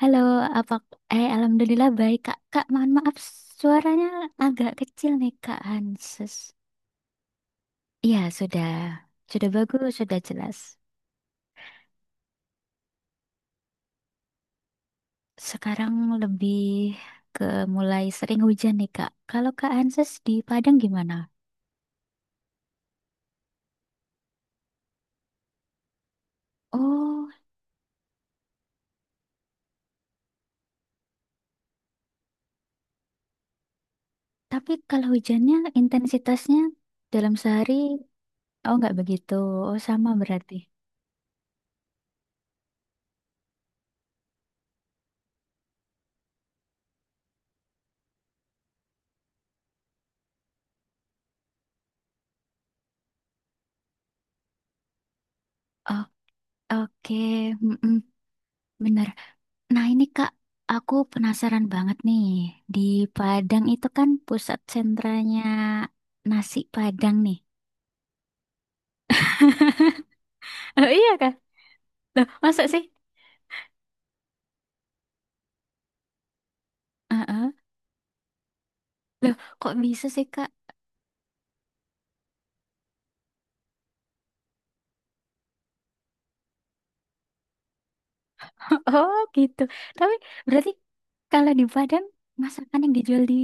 Halo, apa eh alhamdulillah baik Kak. Kak, mohon maaf suaranya agak kecil nih Kak Hanses. Iya, sudah. Sudah bagus, sudah jelas. Sekarang lebih ke mulai sering hujan nih Kak. Kalau Kak Hanses di Padang gimana? Oh, tapi kalau hujannya intensitasnya dalam sehari oh nggak begitu. Oh, sama berarti. Oh, oke, mm-mm, benar. Nah, ini Kak, aku penasaran banget nih. Di Padang itu kan pusat sentranya nasi Padang nih. Oh iya Kak? Loh, masa sih? Heeh. Kok bisa sih Kak? Oh gitu. Tapi berarti kalau di Padang masakan yang dijual di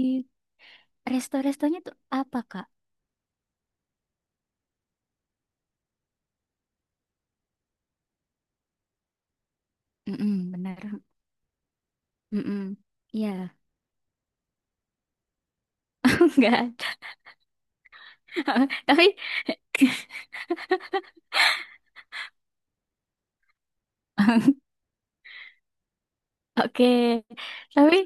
resto-restonya tuh apa Kak? Mm-mm, bener. Mm-mm. Iya. Nggak ada. Tapi oke. Tapi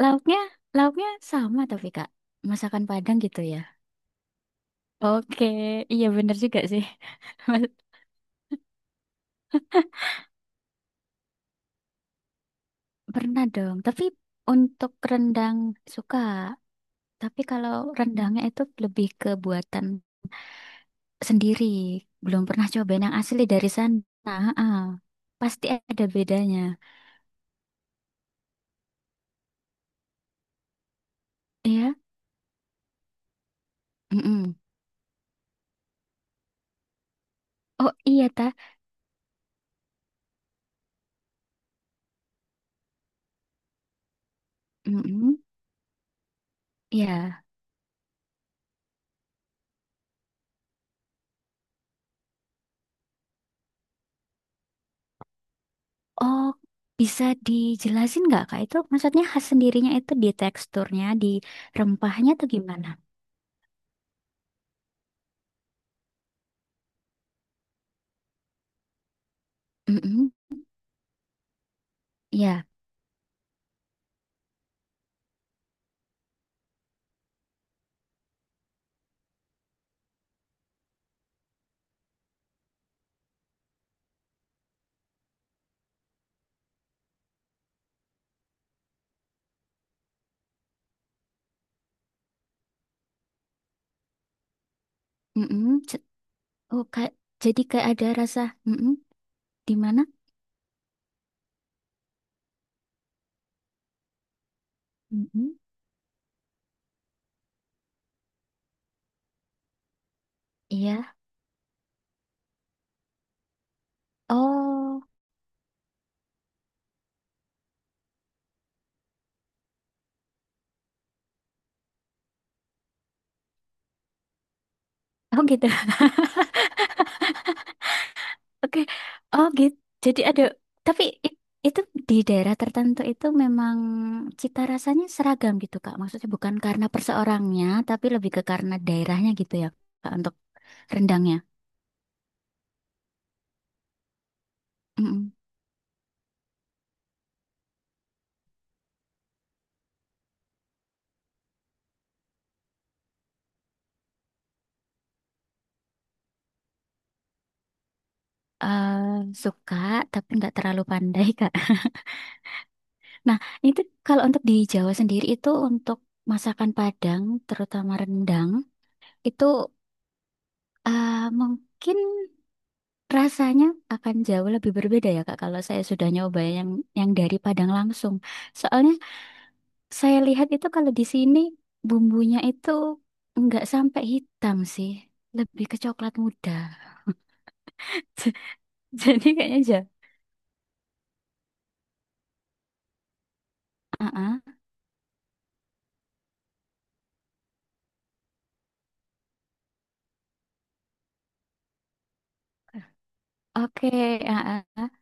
lauknya, lauknya sama tapi Kak. Masakan Padang gitu ya. Oke, iya bener juga sih. Mas- Pernah dong, tapi untuk rendang suka. Tapi kalau rendangnya itu lebih ke buatan sendiri. Belum pernah cobain yang asli dari sana. Ah, pasti ada bedanya. Iya? Mm-mm. Oh iya, ta. Mm-mm. Iya. Oh, bisa dijelasin nggak, Kak? Itu maksudnya khas sendirinya itu di teksturnya, di rempahnya atau gimana? Mhm. Iya. Mhm. Ce- Oh, kayak jadi kayak ada rasa mhm. Di mana? Mhm. Iya. Oh, oh gitu. Oke. Oh gitu. Jadi ada tapi i- itu di daerah tertentu itu memang cita rasanya seragam gitu Kak. Maksudnya bukan karena perseorangnya, tapi lebih ke karena daerahnya gitu ya Kak untuk rendangnya. Mhm. Eh, suka tapi nggak terlalu pandai Kak. Nah, itu kalau untuk di Jawa sendiri itu untuk masakan Padang, terutama rendang, itu eh, mungkin rasanya akan jauh lebih berbeda ya Kak kalau saya sudah nyoba yang dari Padang langsung. Soalnya saya lihat itu kalau di sini bumbunya itu nggak sampai hitam sih, lebih ke coklat muda. Jadi kayaknya aja. Heeh. Oke, heeh.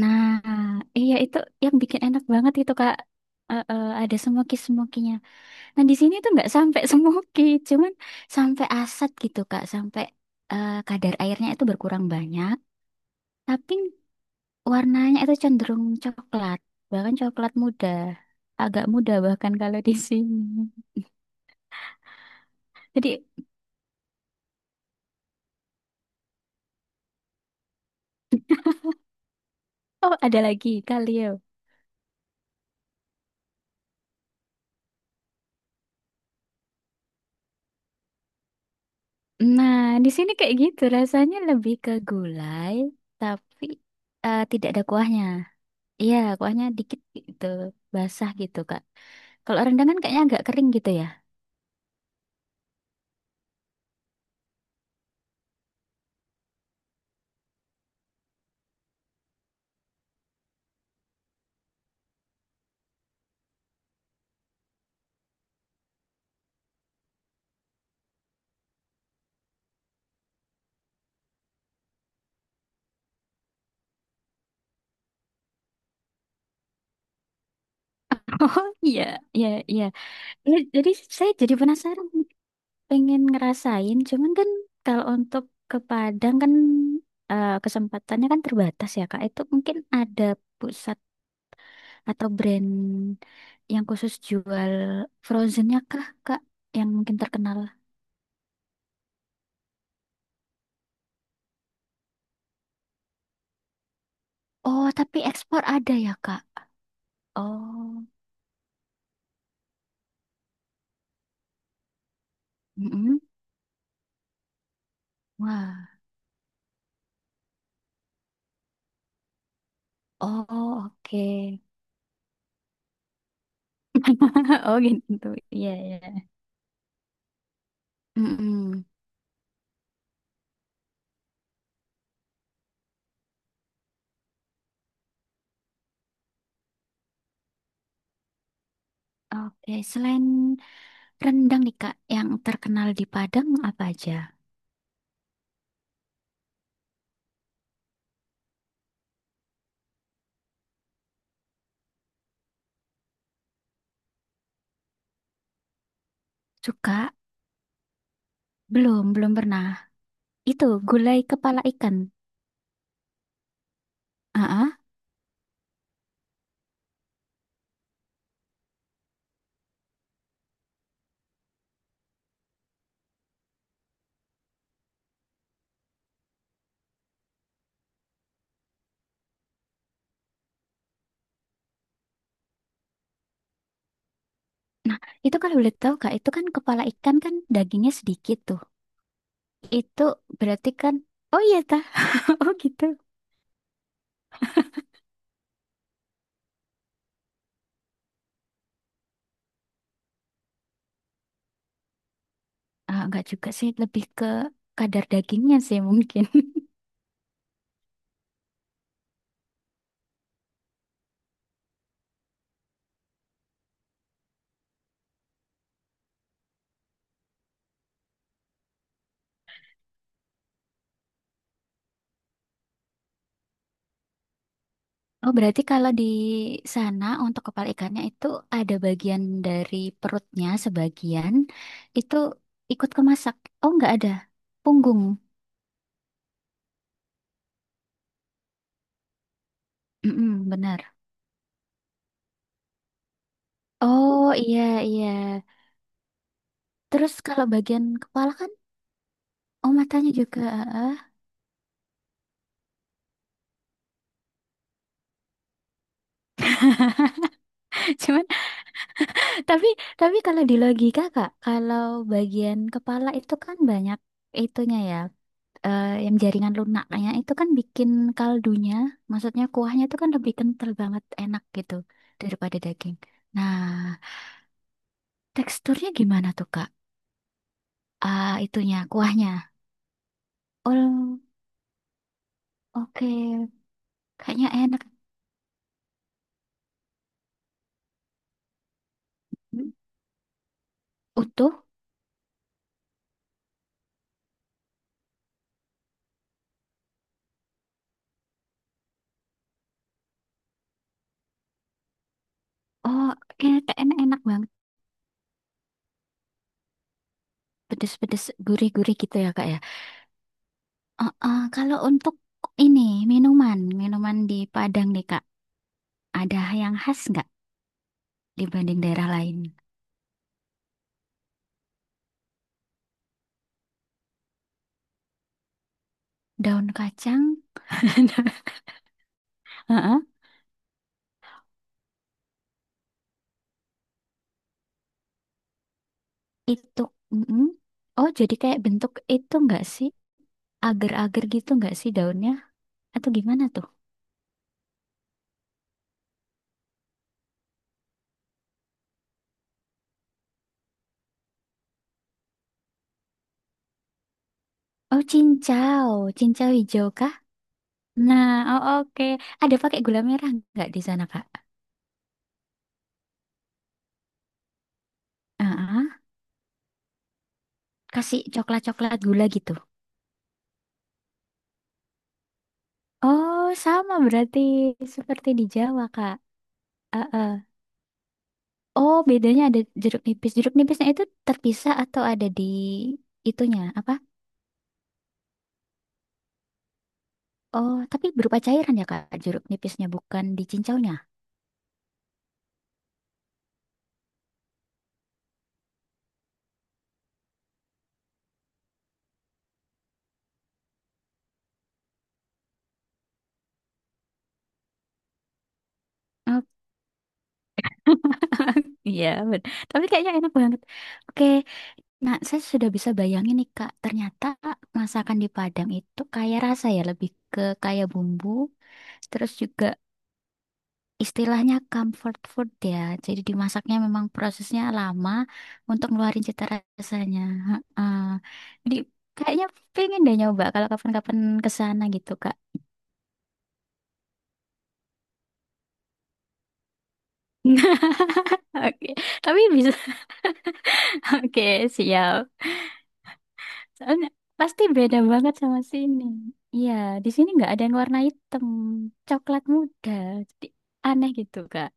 Nah, iya itu yang bikin enak banget itu Kak. Ada semoki-semokinya. Nah, di sini tuh nggak sampai semoki, cuman sampai asat gitu Kak, sampai kadar airnya itu berkurang banyak, tapi warnanya itu cenderung coklat, bahkan coklat muda. Agak muda bahkan kalau di sini. Jadi, oh ada lagi kalio. Nah, di sini kayak gitu rasanya lebih ke gulai, tapi tidak ada kuahnya. Iya, kuahnya dikit gitu, basah gitu, Kak. Kalau rendang kan kayaknya agak kering gitu ya. Oh iya, iya, iya. Iya, jadi saya jadi penasaran, pengen ngerasain. Cuman kan kalau untuk ke Padang kan kesempatannya kan terbatas ya, Kak. Itu mungkin ada pusat atau brand yang khusus jual frozennya kah, Kak? Yang mungkin terkenal. Oh, tapi ekspor ada ya, Kak? Oh, mm-mm. Wah. Oh, oke. Oh gitu, iya iya. Mm-mm. Oke, selain rendang nih Kak, yang terkenal di Padang apa aja? Suka? Belum, belum pernah. Itu gulai kepala ikan. Ah, nah, itu kalau boleh tahu Kak, itu kan kepala ikan kan dagingnya sedikit tuh. Itu berarti kan, oh iya ta, oh gitu. Ah, nggak juga sih, lebih ke kadar dagingnya sih mungkin. Oh, berarti kalau di sana untuk kepala ikannya itu ada bagian dari perutnya sebagian itu ikut kemasak. Oh, nggak ada. Punggung. Mm-mm, benar. Oh, iya, iya. Terus kalau bagian kepala kan, oh matanya juga. Ah. Cuman, tapi tapi kalau di logika, Kak, kalau bagian kepala itu kan banyak itunya ya. Yang jaringan lunaknya itu kan bikin kaldunya, maksudnya kuahnya itu kan lebih kental banget, enak gitu daripada daging. Nah, teksturnya gimana tuh Kak? Ah, itunya kuahnya. Oh, oke. Kayaknya enak. Hmm, utuh? Oh, kayaknya enak-enak banget. Pedes-pedes, gurih-gurih gitu ya Kak ya. Kalau untuk ini minuman, minuman di Padang nih Kak, ada yang khas nggak dibanding daerah lain? Daun kacang? Heeh. Itu, mm-mm. Oh, jadi kayak bentuk itu nggak sih? Agar-agar gitu nggak sih daunnya? Atau gimana tuh? Oh, cincau. Cincau hijau kah? Nah, oh, oke. Ada pakai gula merah nggak di sana, Kak? Ah, kasih coklat-coklat gula gitu. Oh, sama berarti seperti di Jawa, Kak. Ah, ah. Oh, bedanya ada jeruk nipis. Jeruk nipisnya itu terpisah atau ada di itunya, apa? Oh, tapi berupa cairan ya, Kak, jeruk nipisnya, bukan di cincaunya. Iya, tapi kayaknya enak banget. Oke, nah saya sudah bisa bayangin nih Kak, ternyata masakan di Padang itu kaya rasa ya, lebih ke kaya bumbu, terus juga istilahnya comfort food ya. Jadi dimasaknya memang prosesnya lama untuk ngeluarin cita rasanya. Heeh. Jadi kayaknya pengen deh nyoba kalau kapan-kapan ke sana gitu Kak. Oke, tapi bisa. Oke, siap. Soalnya pasti beda banget sama sini. Iya, di sini nggak ada yang warna hitam, coklat muda. Jadi aneh gitu, Kak.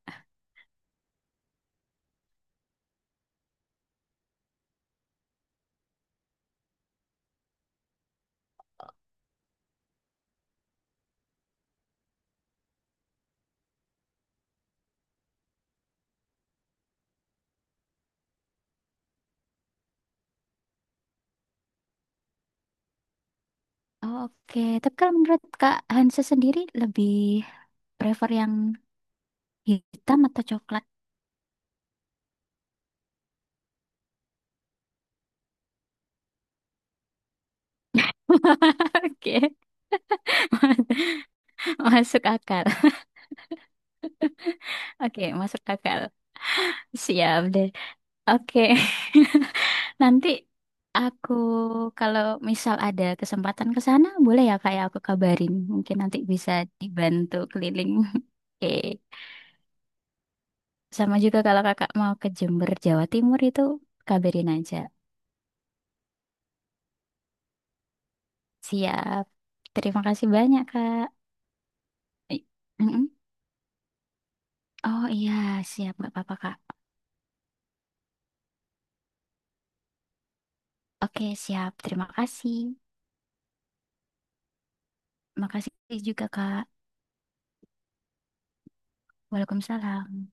Oh, oke, tapi kalau menurut Kak Hansa sendiri lebih prefer yang hitam atau coklat? Oke, masuk akal. Oke, masuk akal. Siap deh. Oke, nanti aku kalau misal ada kesempatan ke sana, boleh ya Kak ya aku kabarin. Mungkin nanti bisa dibantu keliling. Oke. Sama juga kalau kakak mau ke Jember, Jawa Timur itu kabarin aja. Siap. Terima kasih banyak, Kak. I- Mm-mm. Oh iya, siap. Nggak apa-apa, Kak. Oke, siap. Terima kasih. Makasih juga, Kak. Waalaikumsalam.